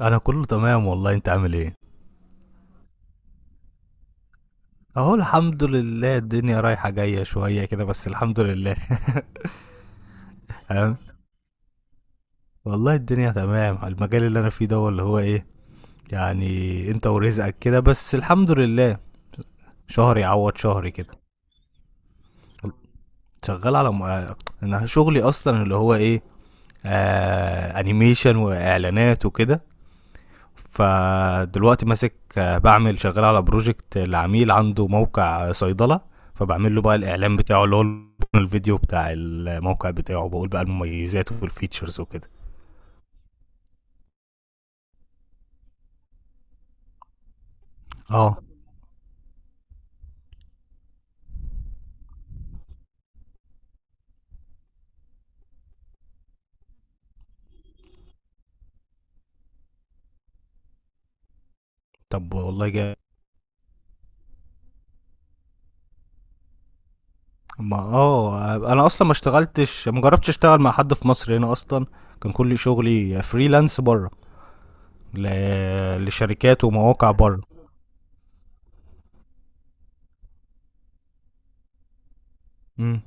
انا كله تمام والله. انت عامل ايه؟ اهو الحمد لله، الدنيا رايحة جاية شوية كده، بس الحمد لله. تمام. والله الدنيا تمام. المجال اللي انا فيه ده هو اللي هو ايه يعني، انت ورزقك كده، بس الحمد لله. شهر يعوض شهري كده. شغال على م... انا شغلي اصلا اللي هو ايه، انيميشن واعلانات وكده. فدلوقتي ماسك آه، بعمل، شغال على بروجكت لعميل عنده موقع صيدلة. فبعمل له بقى الإعلان بتاعه، اللي هو الفيديو بتاع الموقع بتاعه، بقول بقى المميزات والفيتشرز وكده. اه. طب والله ما اه انا اصلا ما اشتغلتش، ما جربتش اشتغل مع حد في مصر هنا اصلا. كان كل شغلي فريلانس بره، ل... لشركات ومواقع بره. امم.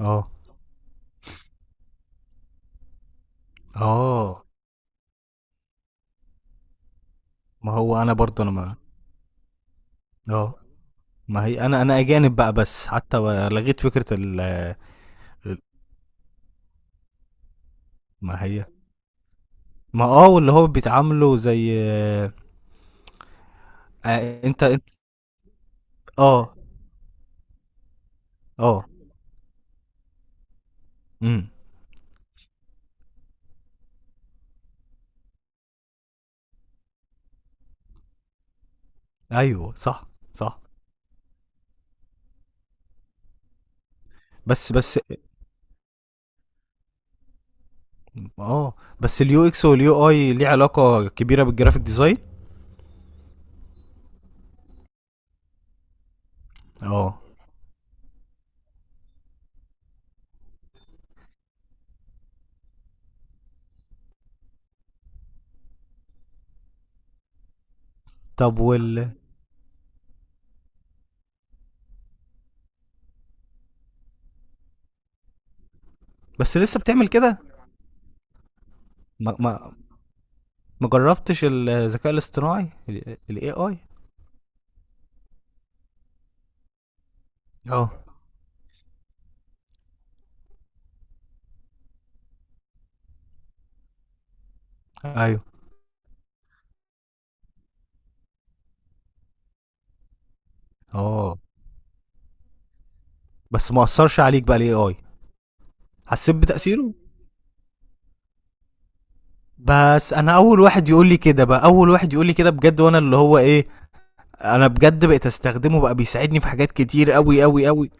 اه. اه. ما هو انا برضه انا ما اه. ما هي انا اجانب بقى بس، حتى لغيت فكره ما هي ما اه واللي هو بيتعاملوا زي. انت. اه. اه. امم. ايوه صح. صح. بس بس اه، بس اليو اكس واليو اي ليه علاقه كبيره بالجرافيك ديزاين؟ اه. طب وال بس لسه بتعمل كده؟ ما ما ما جربتش الذكاء الاصطناعي، الاي اي؟ اه. ايوه. اه. بس ما اثرش عليك بقى الاي اي؟ حسيت بتاثيره. بس انا اول واحد يقول لي كده بقى، اول واحد يقول لي كده بجد. وانا اللي هو انا بجد بقيت استخدمه بقى، بيساعدني في حاجات كتير قوي قوي قوي.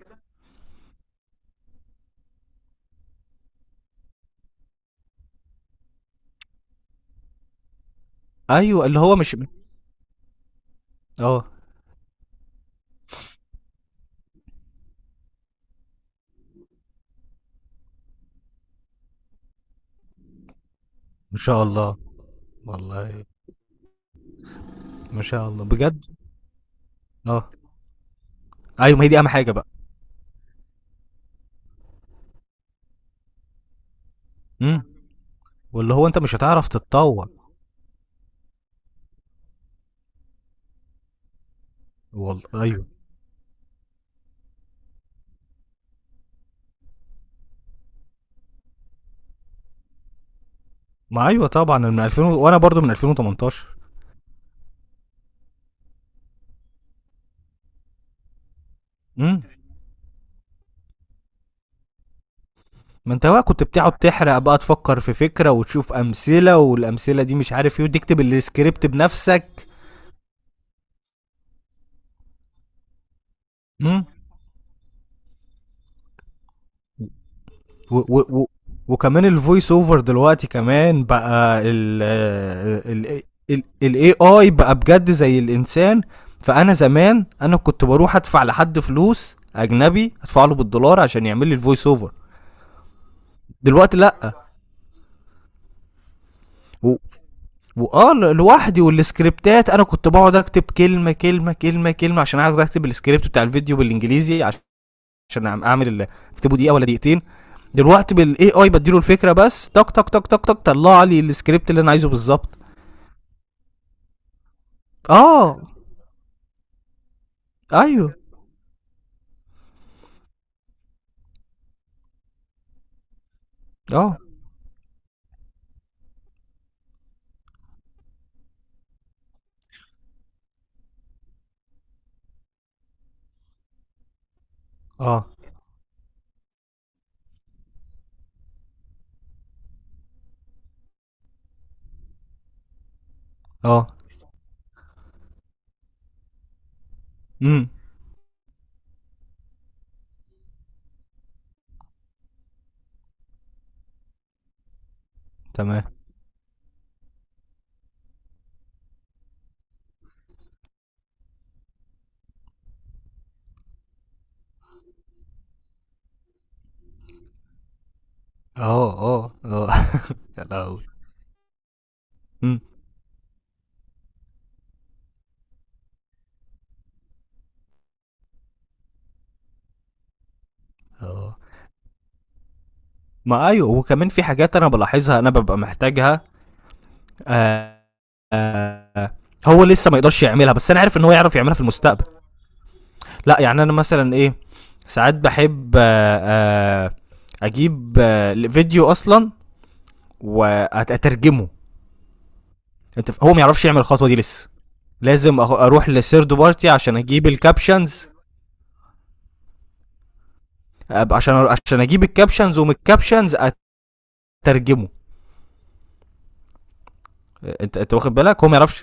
ايوه اللي هو مش اه. ما شاء الله. والله. ما شاء الله بجد. اه. ايوه ما هي دي اهم حاجه بقى. امم. واللي هو انت مش هتعرف تتطور. والله ايوه. ما ايوه طبعا، أنا من 2000 وانا برضو من 2018. امم. ما انت بقى كنت بتقعد تحرق بقى، تفكر في فكره وتشوف امثله، والامثله دي مش عارف ايه، وتكتب السكريبت بنفسك. امم. و و و وكمان الفويس اوفر دلوقتي كمان بقى ال ال ال الاي اي بقى بجد زي الانسان. فانا زمان كنت بروح ادفع لحد فلوس اجنبي، ادفع له بالدولار عشان يعمل لي الفويس اوفر. دلوقتي لا. و- لوحدي، والسكريبتات انا كنت بقعد اكتب كلمه كلمه كلمه كلمه عشان اقعد اكتب السكريبت بتاع الفيديو بالانجليزي، عشان اعمل اكتبه دقيقه ولا دقيقتين. دلوقتي بالاي اي بديله الفكره بس، تك تك تك تك تك، طلع لي السكريبت اللي انا عايزه بالظبط. اه. ايوه. اه. اه. اه. امم. تمام. اه. اه. اه. يا لهوي. امم. اه. ما ايوه، وكمان في حاجات انا بلاحظها انا ببقى محتاجها. آه آه هو لسه ما يقدرش يعملها، بس انا عارف ان هو يعرف يعملها في المستقبل. لا يعني انا مثلا ايه، ساعات بحب اجيب فيديو اصلا واترجمه. هو ما يعرفش يعمل الخطوه دي لسه. لازم اروح لسيرد بارتي عشان اجيب الكابشنز، عشان اجيب الكابشنز، ومن الكابشنز اترجمه. انت واخد بالك هو ما يعرفش.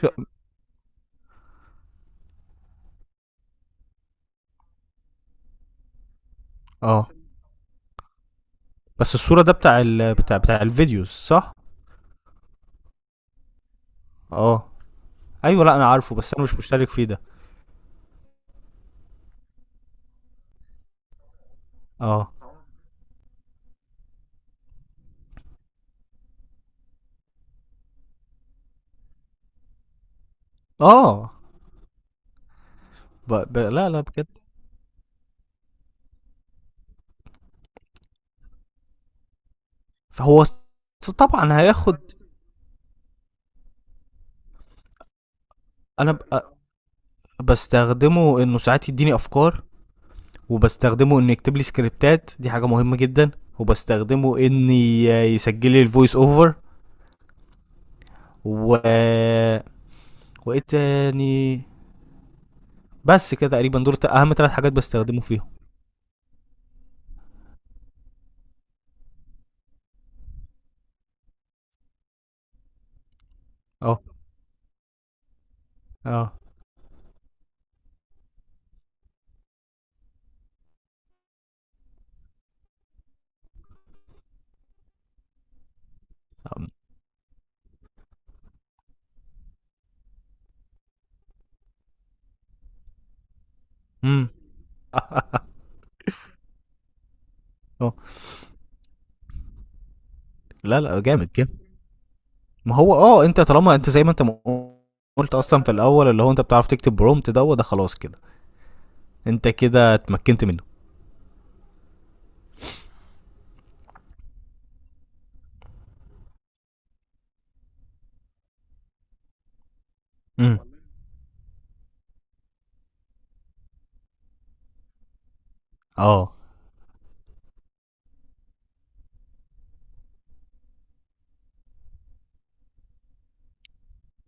اه. بس الصوره ده بتاع بتاع الفيديوز صح؟ اه. ايوه، لا انا عارفه، بس انا مش مشترك فيه ده. اه. اه. لا لا بجد. فهو طبعا هياخد. انا بستخدمه انه ساعات يديني افكار. وبستخدمه انه يكتب لي سكريبتات، دي حاجه مهمه جدا. وبستخدمه ان يسجل لي الفويس اوفر. و، وايه تاني. بس كده تقريبا، دول اهم ثلاث حاجات بستخدمه فيهم. اه. اه. امم. اه. لا لا جامد جامد. ما هو اه انت طالما انت زي ما انت قلت اصلا في الاول، اللي هو انت بتعرف تكتب برومت، ده وده خلاص كده، انت كده اتمكنت منه. امم. اه.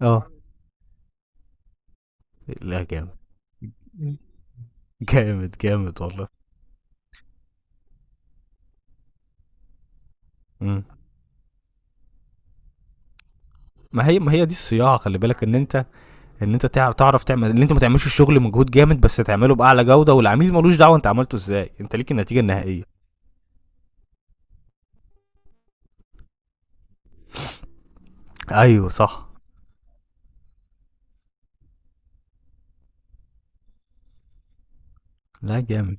اه. لا جامد. جامد جامد والله. مم. ما هي ما هي دي الصياعه، خلي بالك ان انت، ان انت تعرف تعمل، ان انت ما تعملش الشغل مجهود جامد بس تعمله باعلى جوده، والعميل ملوش دعوه انت عملته ازاي، انت ليك النتيجه النهائيه. ايوه صح. لا جامد.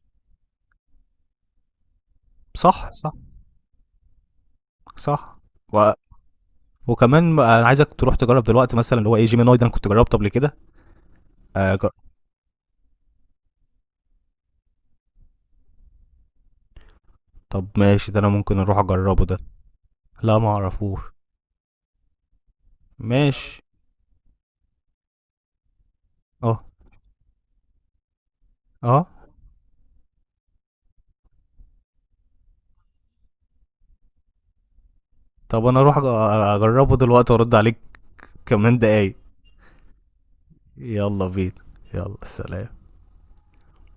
صح صح صح. و... وكمان انا عايزك تروح تجرب دلوقتي مثلا اللي هو ايه، جيميناي ده انا كنت جربته قبل كده. آه جر... طب ماشي، ده انا ممكن اروح اجربه ده. لا ما اعرفوش. ماشي. اه. اه. طب انا اروح اجربه دلوقتي وارد عليك كمان دقايق. يلا بينا. يلا سلام.